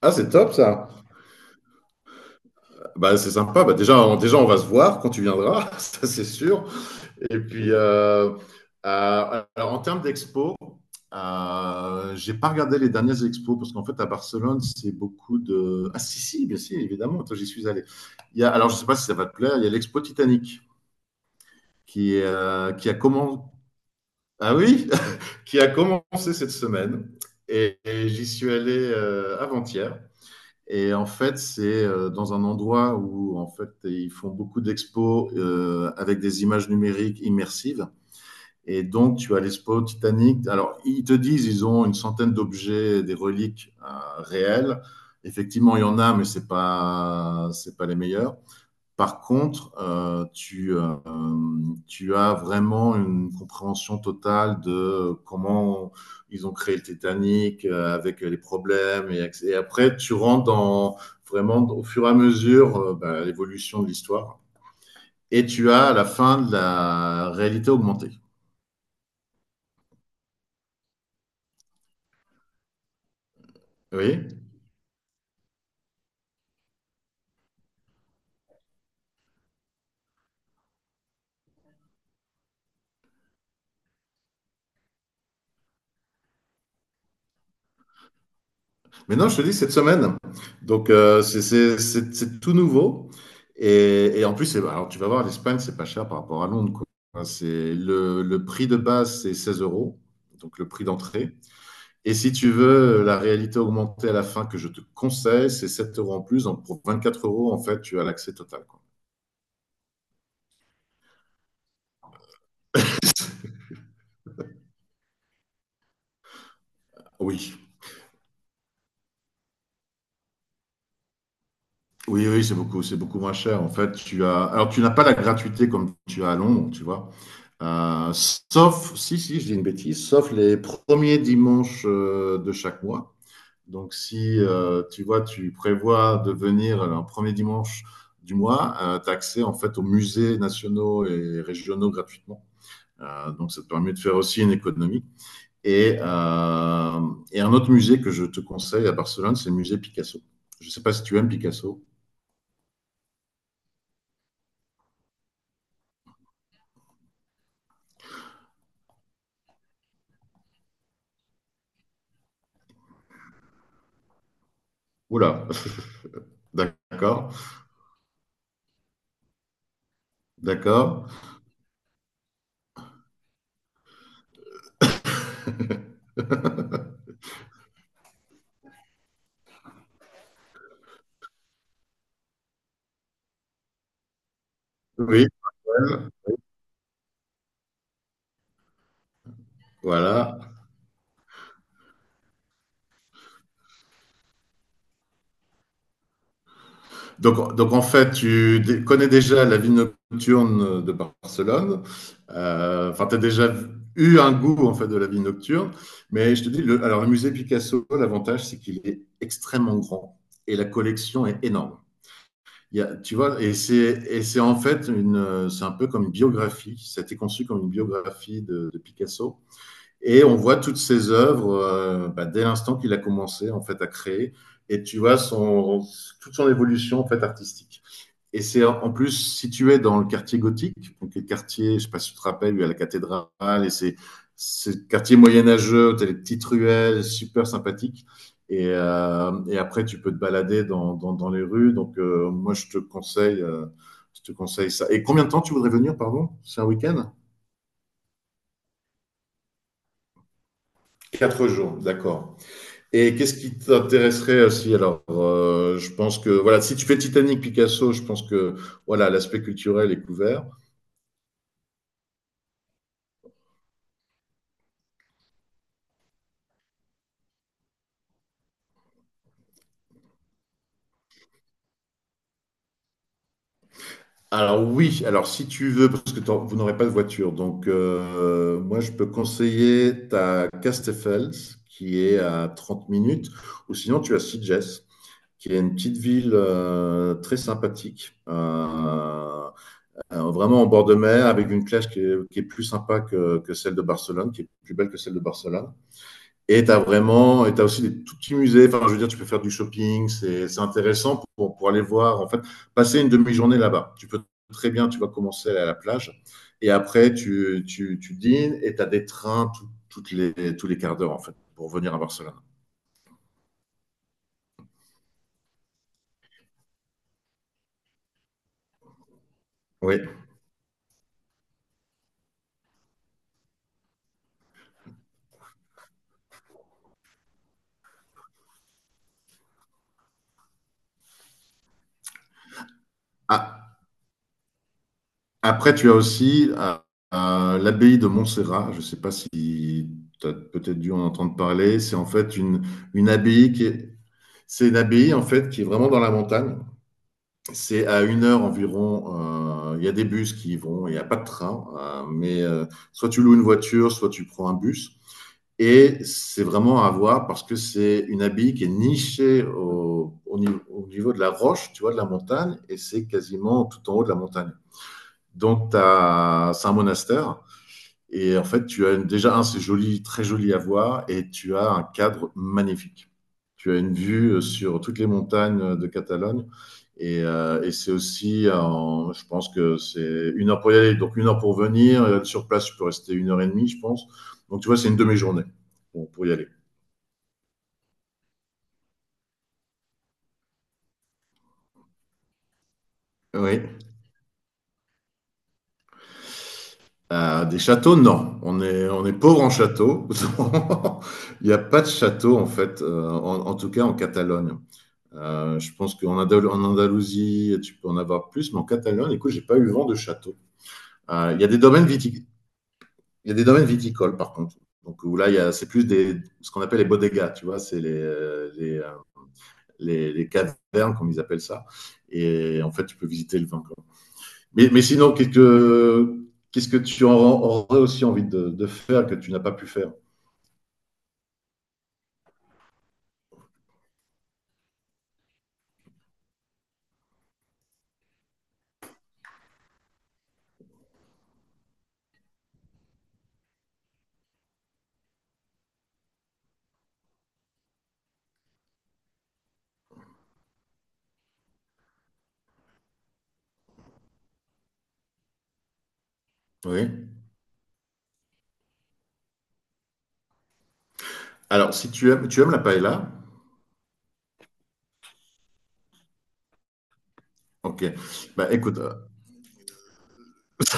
Ah, c'est top ça. Bah, c'est sympa. Bah, déjà, déjà, on va se voir quand tu viendras, ça c'est sûr. Et puis, alors, en termes d'expo, j'ai pas regardé les dernières expos parce qu'en fait, à Barcelone, c'est beaucoup de. Ah, si, si, bien sûr, évidemment. Toi, j'y suis allé. Il y a, alors, je sais pas si ça va te plaire. Il y a l'expo Titanic qui a commencé. Ah oui, qui a commencé cette semaine. Et j'y suis allé avant-hier. Et en fait, c'est dans un endroit où en fait ils font beaucoup d'expos avec des images numériques immersives. Et donc, tu as l'expo Titanic. Alors, ils te disent, ils ont une centaine d'objets, des reliques réelles. Effectivement, il y en a, mais c'est pas les meilleurs. Par contre, tu as vraiment une compréhension totale de comment ils ont créé le Titanic avec les problèmes. Et après, tu rentres dans vraiment au fur et à mesure bah, l'évolution de l'histoire. Et tu as à la fin de la réalité augmentée. Oui. Mais non, je te dis, cette semaine. Donc, c'est tout nouveau. Et en plus, alors, tu vas voir, l'Espagne, c'est pas cher par rapport à Londres, quoi. Enfin, c'est le prix de base, c'est 16 euros, donc le prix d'entrée. Et si tu veux la réalité augmentée à la fin que je te conseille, c'est 7 € en plus. Donc, pour quatre euros, en fait, tu as l'accès total, quoi. Oui, oui, oui, c'est beaucoup moins cher. En fait, alors tu n'as pas la gratuité comme tu as à Londres, tu vois. Sauf, si je dis une bêtise, sauf les premiers dimanches de chaque mois. Donc, si tu vois, tu prévois de venir un premier dimanche du mois, tu as accès en fait aux musées nationaux et régionaux gratuitement. Donc, ça te permet de faire aussi une économie. Et, euh, et un autre musée que je te conseille à Barcelone, c'est le musée Picasso. Je ne sais pas si tu aimes Picasso. Oula, d'accord, d'accord. Oui, voilà. Donc, en fait, tu connais déjà la vie nocturne de Barcelone. Enfin, tu as déjà eu un goût en fait de la vie nocturne. Mais je te dis, alors le musée Picasso, l'avantage, c'est qu'il est extrêmement grand et la collection est énorme. Il y a, tu vois, et c'est en fait c'est un peu comme une biographie. Ça a été conçu comme une biographie de Picasso. Et on voit toutes ses œuvres bah, dès l'instant qu'il a commencé en fait à créer. Et tu vois toute son évolution en fait artistique. Et c'est en plus situé dans le quartier gothique, donc le quartier, je sais pas si tu te rappelles, il y a la cathédrale et c'est quartier moyenâgeux, tu as les petites ruelles, super sympathique. Et après, tu peux te balader dans les rues. Donc, moi, je te conseille ça. Et combien de temps tu voudrais venir, pardon? C'est un week-end? 4 jours, d'accord. Et qu'est-ce qui t'intéresserait aussi. Alors, je pense que voilà, si tu fais Titanic, Picasso, je pense que voilà, l'aspect culturel est couvert. Alors oui, alors si tu veux, parce que vous n'aurez pas de voiture, donc moi je peux conseiller ta Castells qui est à 30 minutes, ou sinon tu as Sitges, qui est une petite ville très sympathique, vraiment en bord de mer, avec une plage qui est plus sympa que celle de Barcelone, qui est plus belle que celle de Barcelone. Et tu as aussi des tout petits musées. Enfin, je veux dire, tu peux faire du shopping, c'est intéressant pour aller voir, en fait, passer une demi-journée là-bas. Tu peux très bien, tu vas commencer à la plage, et après, tu dînes, et tu as des trains tous les quarts d'heure, en fait, pour venir à Barcelone. Oui. Ah, après, tu as aussi l'abbaye de Montserrat. Je ne sais pas si tu as peut-être dû en entendre parler. C'est en fait une abbaye c'est une abbaye, en fait, qui est vraiment dans la montagne. C'est à 1 heure environ. Il y a des bus qui y vont, il n'y a pas de train, mais soit tu loues une voiture, soit tu prends un bus. Et c'est vraiment à voir parce que c'est une abbaye qui est nichée au niveau de la roche, tu vois, de la montagne, et c'est quasiment tout en haut de la montagne. Donc, c'est un monastère et en fait, déjà un, c'est joli, très joli à voir, et tu as un cadre magnifique. Tu as une vue sur toutes les montagnes de Catalogne, et c'est aussi, je pense que c'est 1 heure pour y aller, donc 1 heure pour venir. Sur place, tu peux rester 1 h 30, je pense. Donc tu vois, c'est une demi-journée pour y aller. Oui. Des châteaux, non. On est pauvre en châteaux. Il n'y a pas de château, en fait, en tout cas en Catalogne. Je pense qu'en Andalousie, tu peux en avoir plus, mais en Catalogne, écoute, j'ai pas eu vent de château. Il y a des domaines viticoles. Il y a des domaines viticoles, par contre. Donc, où là, c'est plus ce qu'on appelle les bodegas, tu vois, c'est les cavernes, comme ils appellent ça. Et en fait, tu peux visiter le vin, quoi. Mais sinon, qu'est-ce que aurais aussi envie de faire que tu n'as pas pu faire? Oui. Alors, si tu aimes, tu aimes la paella, ok. Bah, écoute,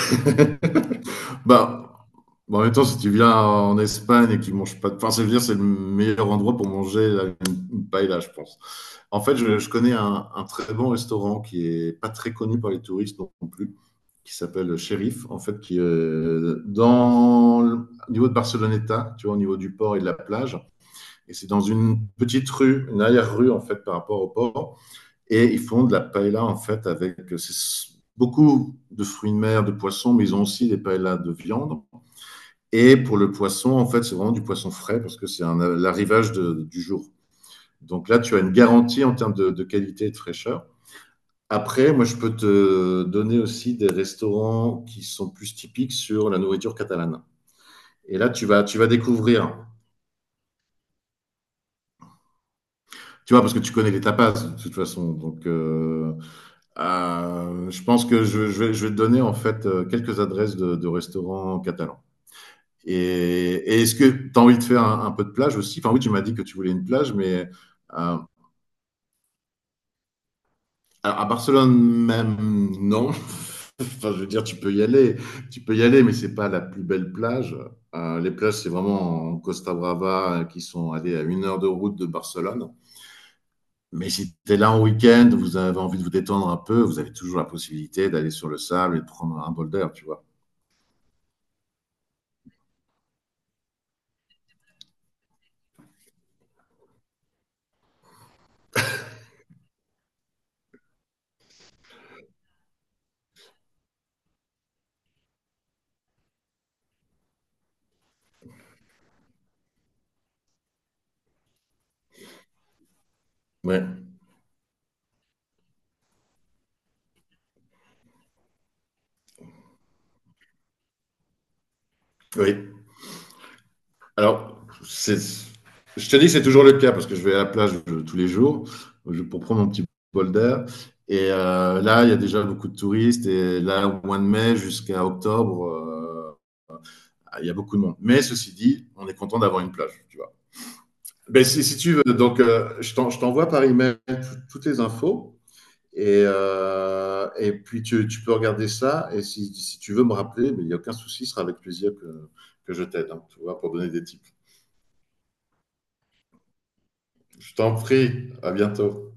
bah, en même temps, si tu viens en Espagne et que tu manges pas de pain, c'est dire c'est le meilleur endroit pour manger une paella, je pense. En fait, je connais un très bon restaurant qui est pas très connu par les touristes non plus, qui s'appelle Sheriff, en fait, qui est dans le, au niveau de Barceloneta, tu vois, au niveau du port et de la plage. Et c'est dans une petite rue, une arrière-rue, en fait, par rapport au port. Et ils font de la paella en fait avec beaucoup de fruits de mer, de poissons, mais ils ont aussi des paellas de viande. Et pour le poisson, en fait, c'est vraiment du poisson frais parce que c'est l'arrivage du jour. Donc là, tu as une garantie en termes de qualité et de fraîcheur. Après, moi, je peux te donner aussi des restaurants qui sont plus typiques sur la nourriture catalane. Et là, tu vas découvrir. Tu vois, parce que tu connais les tapas de toute façon. Donc, je pense que je vais, te donner en fait quelques adresses de restaurants catalans. Et est-ce que tu as envie de faire un peu de plage aussi? Enfin oui, tu m'as dit que tu voulais une plage, mais euh, alors, à Barcelone même, non. Enfin, je veux dire, tu peux y aller, mais c'est pas la plus belle plage. Les plages, c'est vraiment en Costa Brava qui sont allées à 1 heure de route de Barcelone. Mais si tu es là en week-end, vous avez envie de vous détendre un peu, vous avez toujours la possibilité d'aller sur le sable et de prendre un bol d'air, tu vois. Ouais. Oui. Alors, je te dis que c'est toujours le cas parce que je vais à la plage tous les jours pour prendre mon petit bol d'air. Et là, il y a déjà beaucoup de touristes. Et là, au mois de mai jusqu'à octobre, il y a beaucoup de monde. Mais ceci dit, on est content d'avoir une plage, tu vois. Ben, si tu veux, donc, je t'envoie par email toutes les infos. Et puis, tu peux regarder ça. Et si tu veux me rappeler, ben, il n'y a aucun souci, ce sera avec plaisir que je t'aide, hein, tu vois, pour donner des tips. Je t'en prie. À bientôt.